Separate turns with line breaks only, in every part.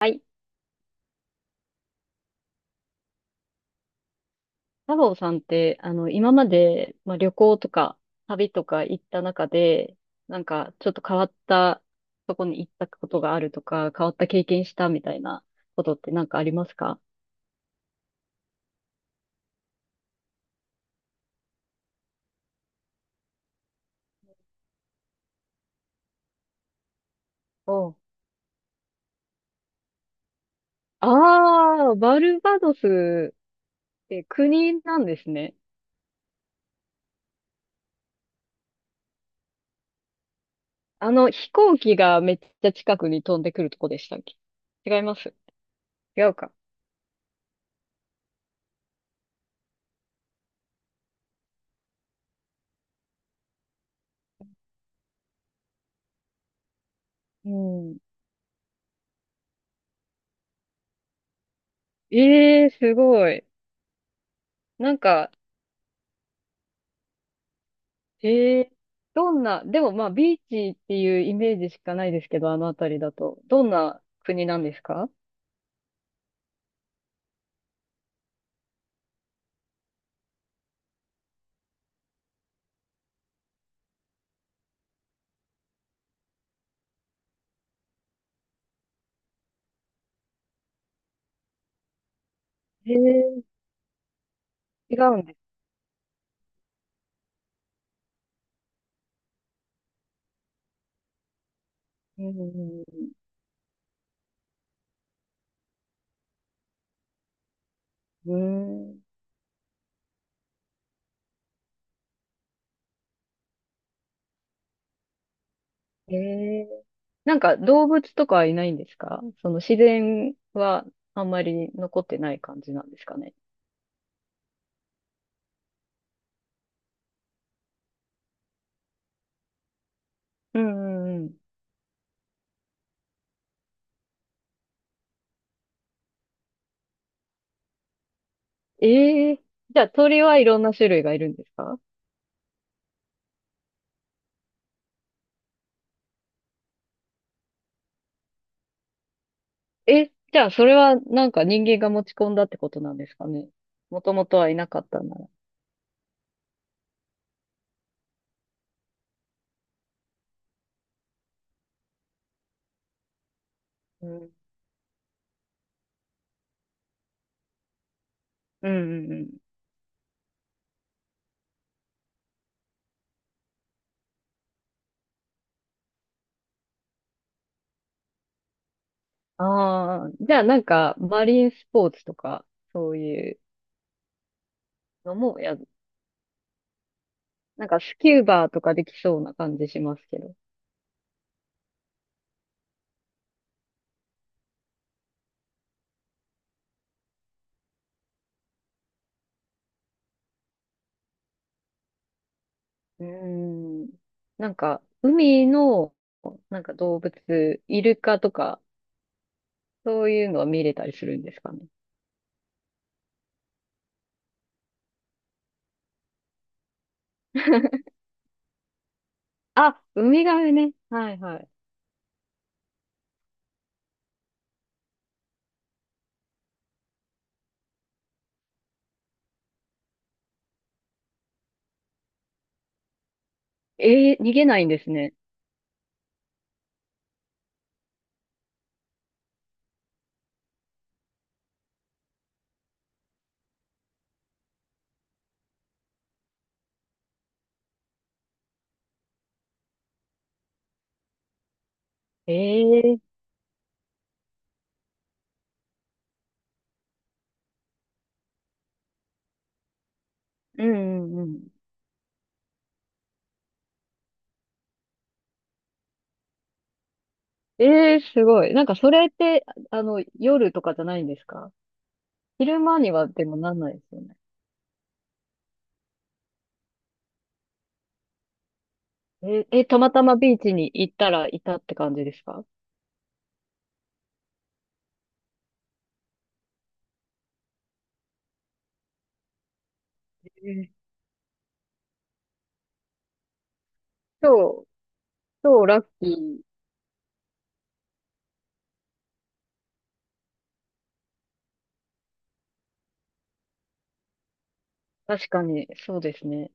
はい。太郎さんって、今まで、まあ、旅行とか、旅とか行った中で、なんか、ちょっと変わったとこに行ったことがあるとか、変わった経験したみたいなことってなんかありますか？おう。ああ、バルバドスって国なんですね。飛行機がめっちゃ近くに飛んでくるとこでしたっけ？違います。違うか。うん。ええー、すごい。なんか、ええどんな、でもまあビーチっていうイメージしかないですけど、あの辺りだと。どんな国なんですか？ええ。違うんです。うんうんうん。うーん。ええ。なんか動物とかはいないんですか？その自然はあんまり残ってない感じなんですかね。うんうんうん。ええ。じゃあ鳥はいろんな種類がいるんですか？え、じゃあそれはなんか人間が持ち込んだってことなんですかね。もともとはいなかったなら。うん。うんうんうん。ああ、じゃあなんか、マリンスポーツとか、そういうのもやる、なんかスキューバーとかできそうな感じしますけど。うーん。なんか、海の、なんか動物、イルカとか、そういうのは見れたりするんですかね。あ、ウミガメね。はいはい。ええー、逃げないんですね。ええー。うんうんうん。ええ、すごい。なんかそれって、夜とかじゃないんですか？昼間にはでもなんないですよね。え、え、たまたまビーチに行ったらいたって感じですか？えー。超、超ラッキー。確かに、そうですね。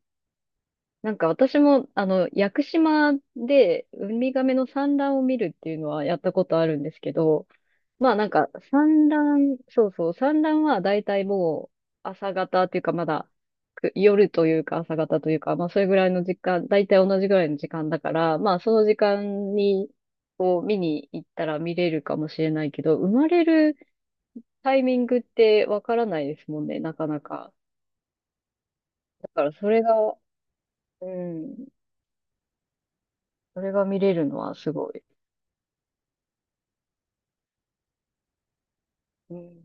なんか私も、屋久島でウミガメの産卵を見るっていうのはやったことあるんですけど、まあなんか産卵、そうそう、産卵はだいたいもう朝方っていうかまだく夜というか朝方というか、まあそれぐらいの時間、だいたい同じぐらいの時間だから、まあその時間にこう見に行ったら見れるかもしれないけど、生まれるタイミングってわからないですもんね、なかなか。だからそれが、うん、それが見れるのはすごい。うん。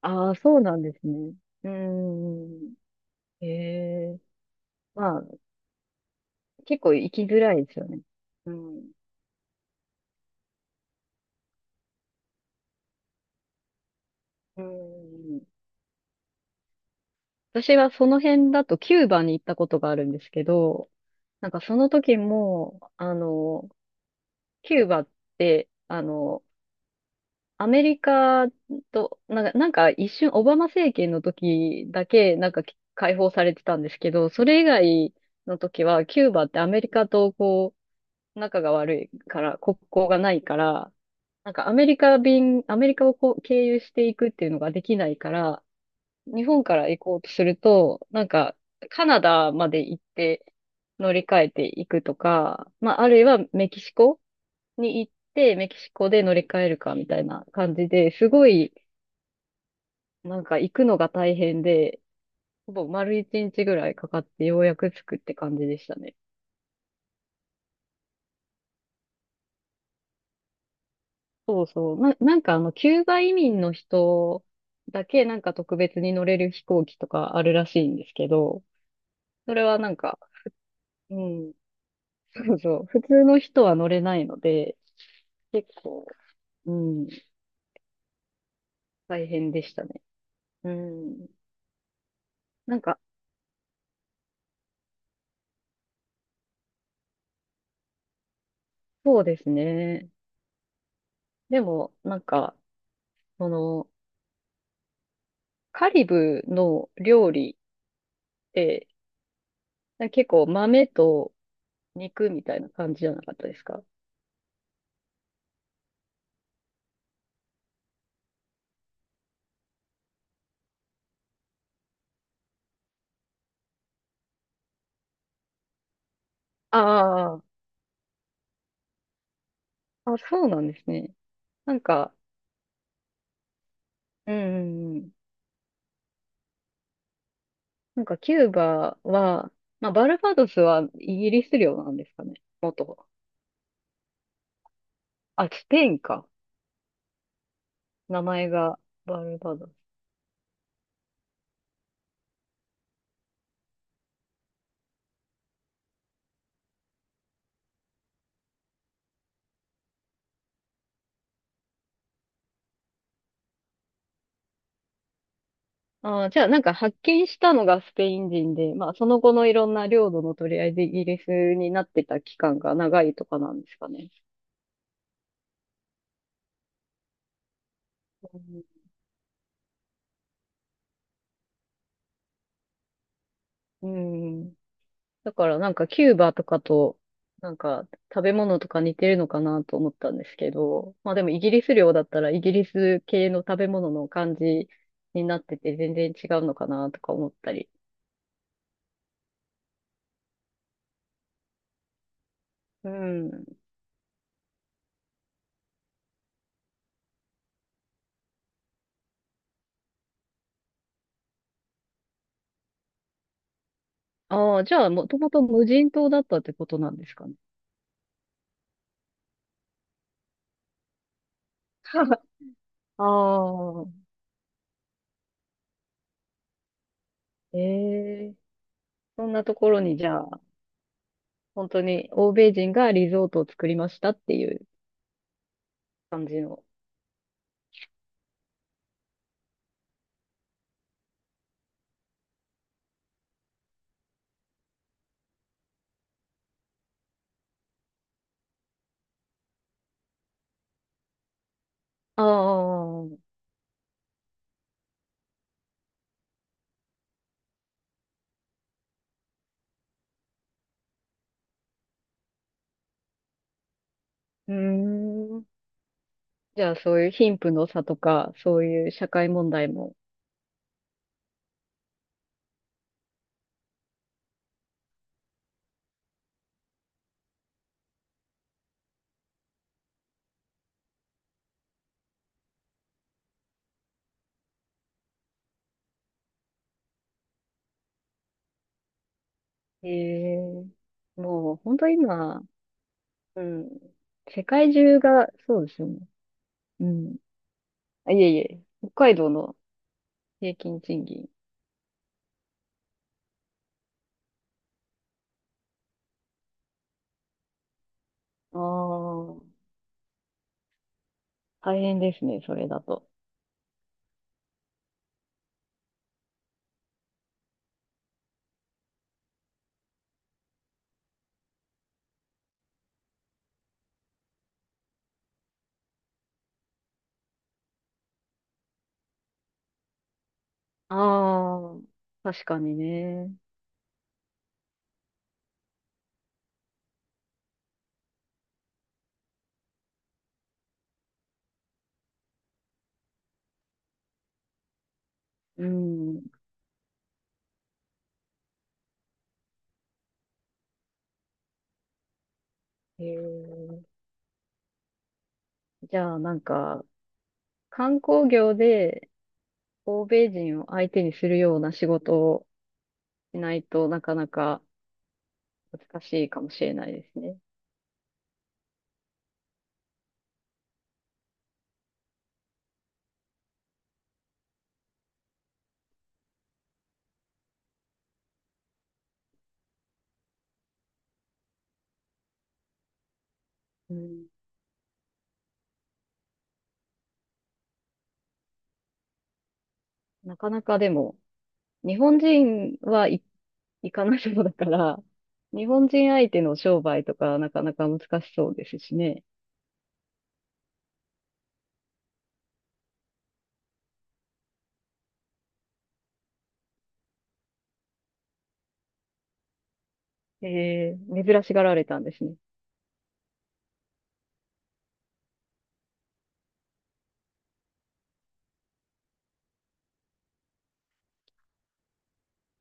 ああ、そうなんですね。うん。へえ。まあ結構行きづらいですよね。うん。うん。私はその辺だとキューバに行ったことがあるんですけど、なんかその時も、キューバって、アメリカと、なんか、なんか一瞬オバマ政権の時だけなんか解放されてたんですけど、それ以外の時はキューバってアメリカとこう、仲が悪いから、国交がないから、なんかアメリカ便、アメリカをこう経由していくっていうのができないから、日本から行こうとすると、なんか、カナダまで行って乗り換えていくとか、まあ、あるいはメキシコに行って、メキシコで乗り換えるかみたいな感じで、すごい、なんか行くのが大変で、ほぼ丸一日ぐらいかかってようやく着くって感じでしたね。そうそう。なんかキューバ移民の人だけなんか特別に乗れる飛行機とかあるらしいんですけど、それはなんか、うん。そうそう。普通の人は乗れないので、結構、うん、大変でしたね。うん。なんか、そうですね。でも、なんか、その、カリブの料理って、なんか結構豆と肉みたいな感じじゃなかったですか？ああ、あ、そうなんですね。なんか、うんうんうん、なんかキューバは、まあ、バルバドスはイギリス領なんですかね。元。あ、スペインか。名前がバルバド。ああ、じゃあなんか発見したのがスペイン人で、まあその後のいろんな領土の取り合いでイギリスになってた期間が長いとかなんですかね。うん。うん。だからなんかキューバとかと、なんか食べ物とか似てるのかなと思ったんですけど、まあでもイギリス領だったらイギリス系の食べ物の感じになってて全然違うのかなとか思ったり。うん。ああ、じゃあもともと無人島だったってことなんですかね。ああ。ええ、そんなところに、じゃあ、本当に欧米人がリゾートを作りましたっていう感じの。ああ、うーん。じゃあ、そういう貧富の差とか、そういう社会問題も。ええ、もう、本当今、うん。世界中が、そうですよね。うん。あ、いえいえ、北海道の平均賃金。ああ、大変ですね、それだと。ああ、確かにね。うん。へえ。じゃあ、なんか、観光業で欧米人を相手にするような仕事をしないとなかなか難しいかもしれないですね。うん、なかなかでも、日本人はい行かないそうだから、日本人相手の商売とかなかなか難しそうですしね。えー、珍しがられたんですね。